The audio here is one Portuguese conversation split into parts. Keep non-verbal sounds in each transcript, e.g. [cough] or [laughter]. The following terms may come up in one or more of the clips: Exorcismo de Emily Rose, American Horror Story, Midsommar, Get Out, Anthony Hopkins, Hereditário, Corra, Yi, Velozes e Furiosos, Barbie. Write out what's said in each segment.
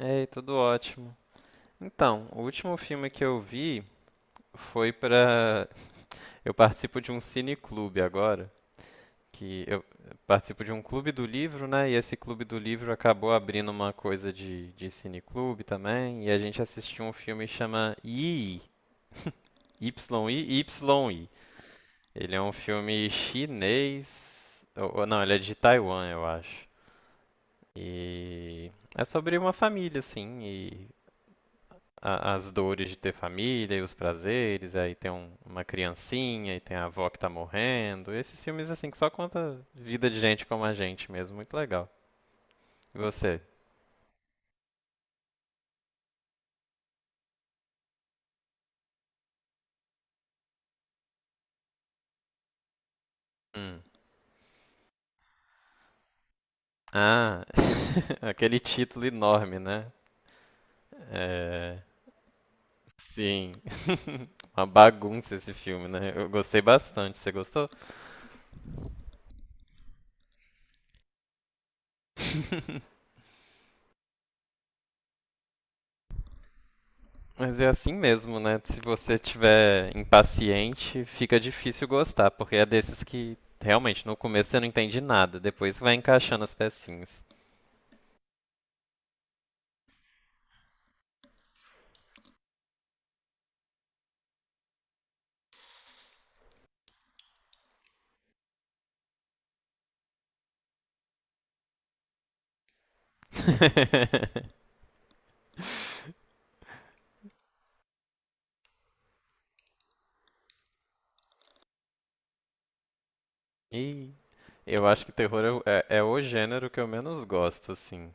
Ei, tudo ótimo. Então, o último filme que eu vi foi pra. Eu participo de um cineclube agora, que eu participo de um clube do livro, né? E esse clube do livro acabou abrindo uma coisa de cineclube também, e a gente assistiu um filme que chama Yi, Y-I-Y-I. Ele é um filme chinês, ou não, ele é de Taiwan, eu acho. E é sobre uma família, assim, as dores de ter família e os prazeres, aí uma criancinha e tem a avó que tá morrendo. Esses filmes assim que só conta vida de gente como a gente mesmo, muito legal. E você? Hum. Ah, [laughs] aquele título enorme, né? Sim, [laughs] uma bagunça esse filme, né? Eu gostei bastante. Você gostou? [laughs] Mas é assim mesmo, né? Se você tiver impaciente, fica difícil gostar, porque é desses que realmente no começo você não entende nada, depois vai encaixando as pecinhas. [laughs] E eu acho que terror é, é o gênero que eu menos gosto, assim.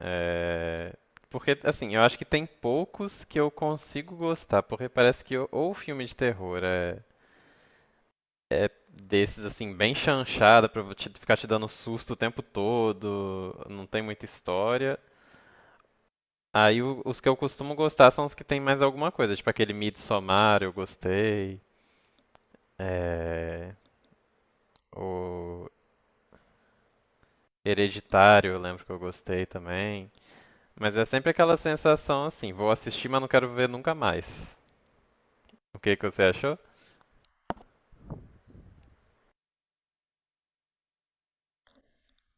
É. Porque, assim, eu acho que tem poucos que eu consigo gostar, porque parece que ou o filme de terror é desses, assim, bem chanchada pra ficar te dando susto o tempo todo, não tem muita história. Aí os que eu costumo gostar são os que tem mais alguma coisa, tipo aquele Midsommar, eu gostei. É... O... Hereditário, eu lembro que eu gostei também. Mas é sempre aquela sensação assim, vou assistir, mas não quero ver nunca mais. O que que você achou?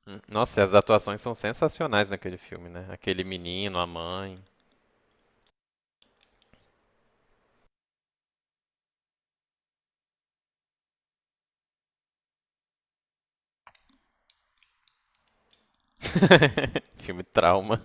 Hum. Nossa, e as atuações são sensacionais naquele filme, né? Aquele menino, a mãe. [laughs] Filme trauma.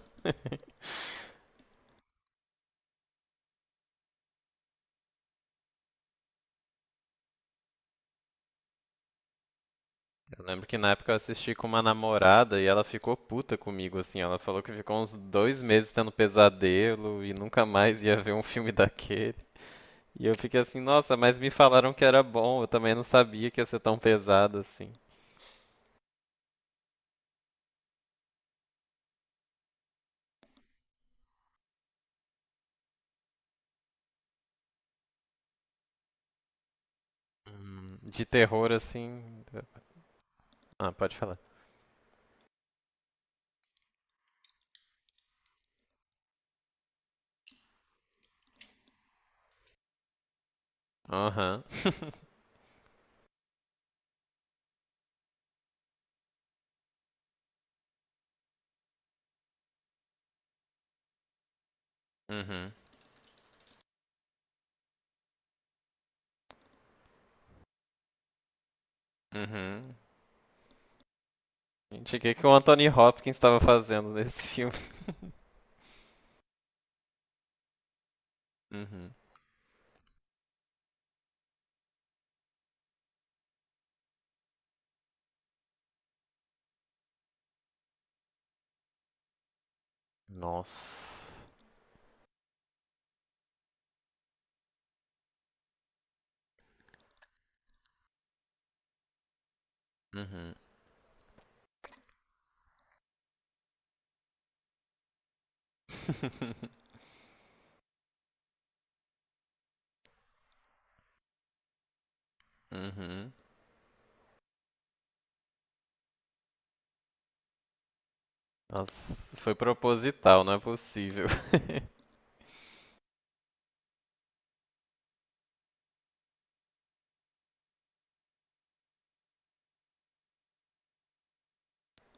Eu lembro que na época eu assisti com uma namorada e ela ficou puta comigo, assim. Ela falou que ficou uns dois meses tendo pesadelo e nunca mais ia ver um filme daquele. E eu fiquei assim, nossa, mas me falaram que era bom, eu também não sabia que ia ser tão pesado assim. De terror, assim. Ah, pode falar. Aham. [laughs] Uhum. Uhum. Gente, o que, que o Anthony Hopkins estava fazendo nesse filme? Uhum. Nossa. Uhum. [laughs] Uhum. Nossa, foi proposital, não é possível. [laughs]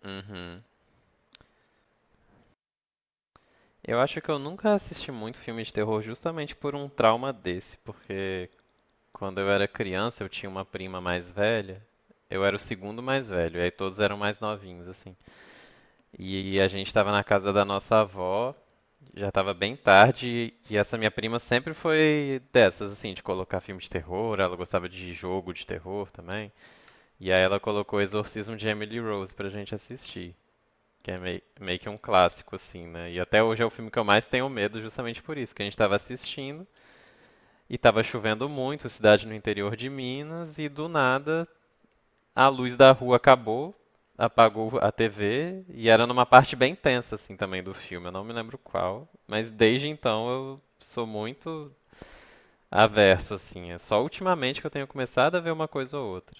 Uhum. Eu acho que eu nunca assisti muito filme de terror justamente por um trauma desse, porque quando eu era criança eu tinha uma prima mais velha, eu era o segundo mais velho, e aí todos eram mais novinhos, assim. E a gente estava na casa da nossa avó, já estava bem tarde, e essa minha prima sempre foi dessas, assim, de colocar filme de terror, ela gostava de jogo de terror também. E aí ela colocou Exorcismo de Emily Rose pra gente assistir, que é meio que um clássico, assim, né? E até hoje é o filme que eu mais tenho medo justamente por isso, que a gente estava assistindo e estava chovendo muito, cidade no interior de Minas, e do nada a luz da rua acabou, apagou a TV e era numa parte bem tensa assim também do filme, eu não me lembro qual, mas desde então eu sou muito averso assim, é só ultimamente que eu tenho começado a ver uma coisa ou outra.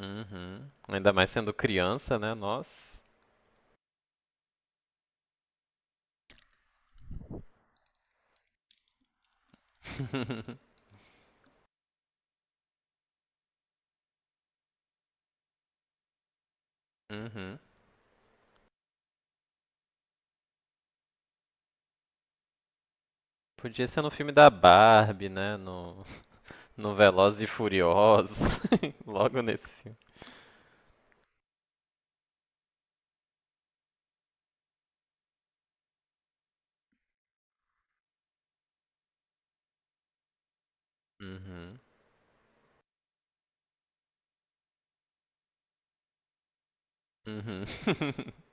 Uhum. Ainda mais sendo criança, né? Nossa. [laughs] Uhum. Podia ser no filme da Barbie, né? No, no Velozes e Furiosos, [laughs] logo nesse. Uhum. Uhum. [laughs]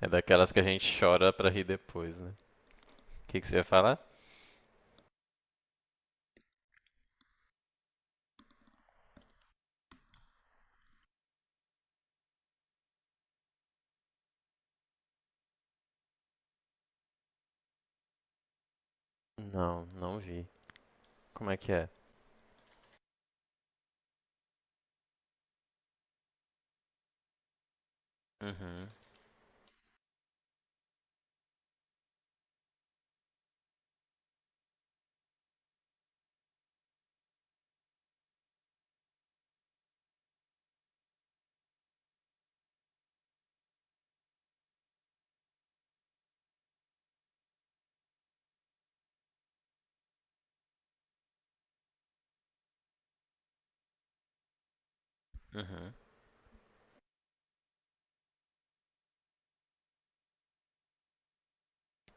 É daquelas que a gente chora pra rir depois, né? O que que você ia falar? Não, não vi. Como é que é? Uhum, uhum.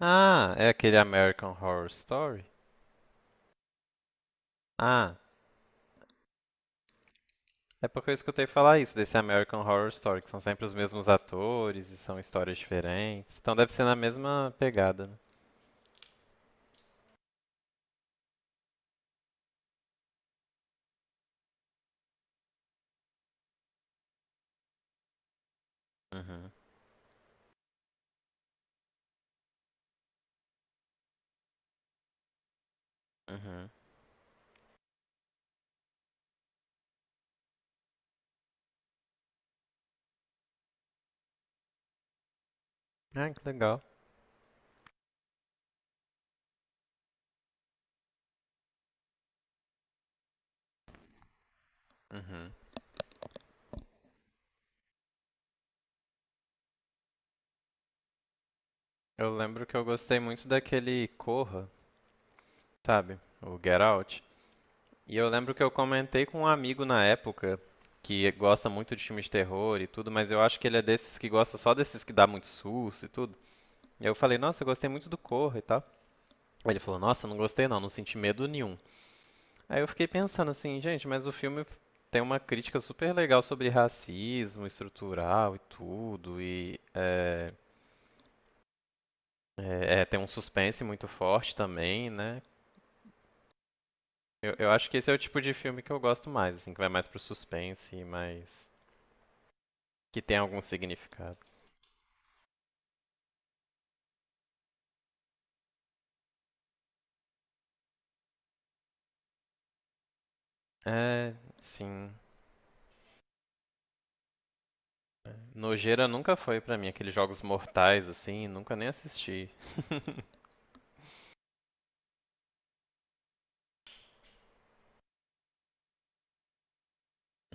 Ah, é aquele American Horror Story? Ah, é porque eu escutei falar isso desse American Horror Story, que são sempre os mesmos atores e são histórias diferentes. Então deve ser na mesma pegada, né? Uhum, uhum. Ah, que legal. Uhum. Eu lembro que eu gostei muito daquele Corra, sabe? O Get Out. E eu lembro que eu comentei com um amigo na época que gosta muito de filmes de terror e tudo, mas eu acho que ele é desses que gosta só desses que dá muito susto e tudo. E eu falei, nossa, eu gostei muito do Corra e tal. Aí ele falou, nossa, não gostei não, não senti medo nenhum. Aí eu fiquei pensando assim, gente, mas o filme tem uma crítica super legal sobre racismo estrutural e tudo, é, tem um suspense muito forte também, né? Eu acho que esse é o tipo de filme que eu gosto mais, assim, que vai mais pro suspense e mais que tem algum significado. É, sim. Nojeira nunca foi pra mim aqueles jogos mortais assim, nunca nem assisti.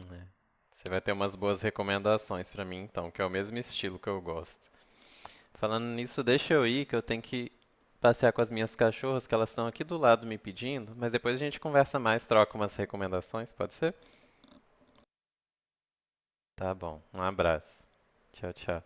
Né? Você vai ter umas boas recomendações pra mim então, que é o mesmo estilo que eu gosto. Falando nisso, deixa eu ir que eu tenho que passear com as minhas cachorras que elas estão aqui do lado me pedindo, mas depois a gente conversa mais, troca umas recomendações, pode ser? Tá bom. Um abraço. Tchau, tchau.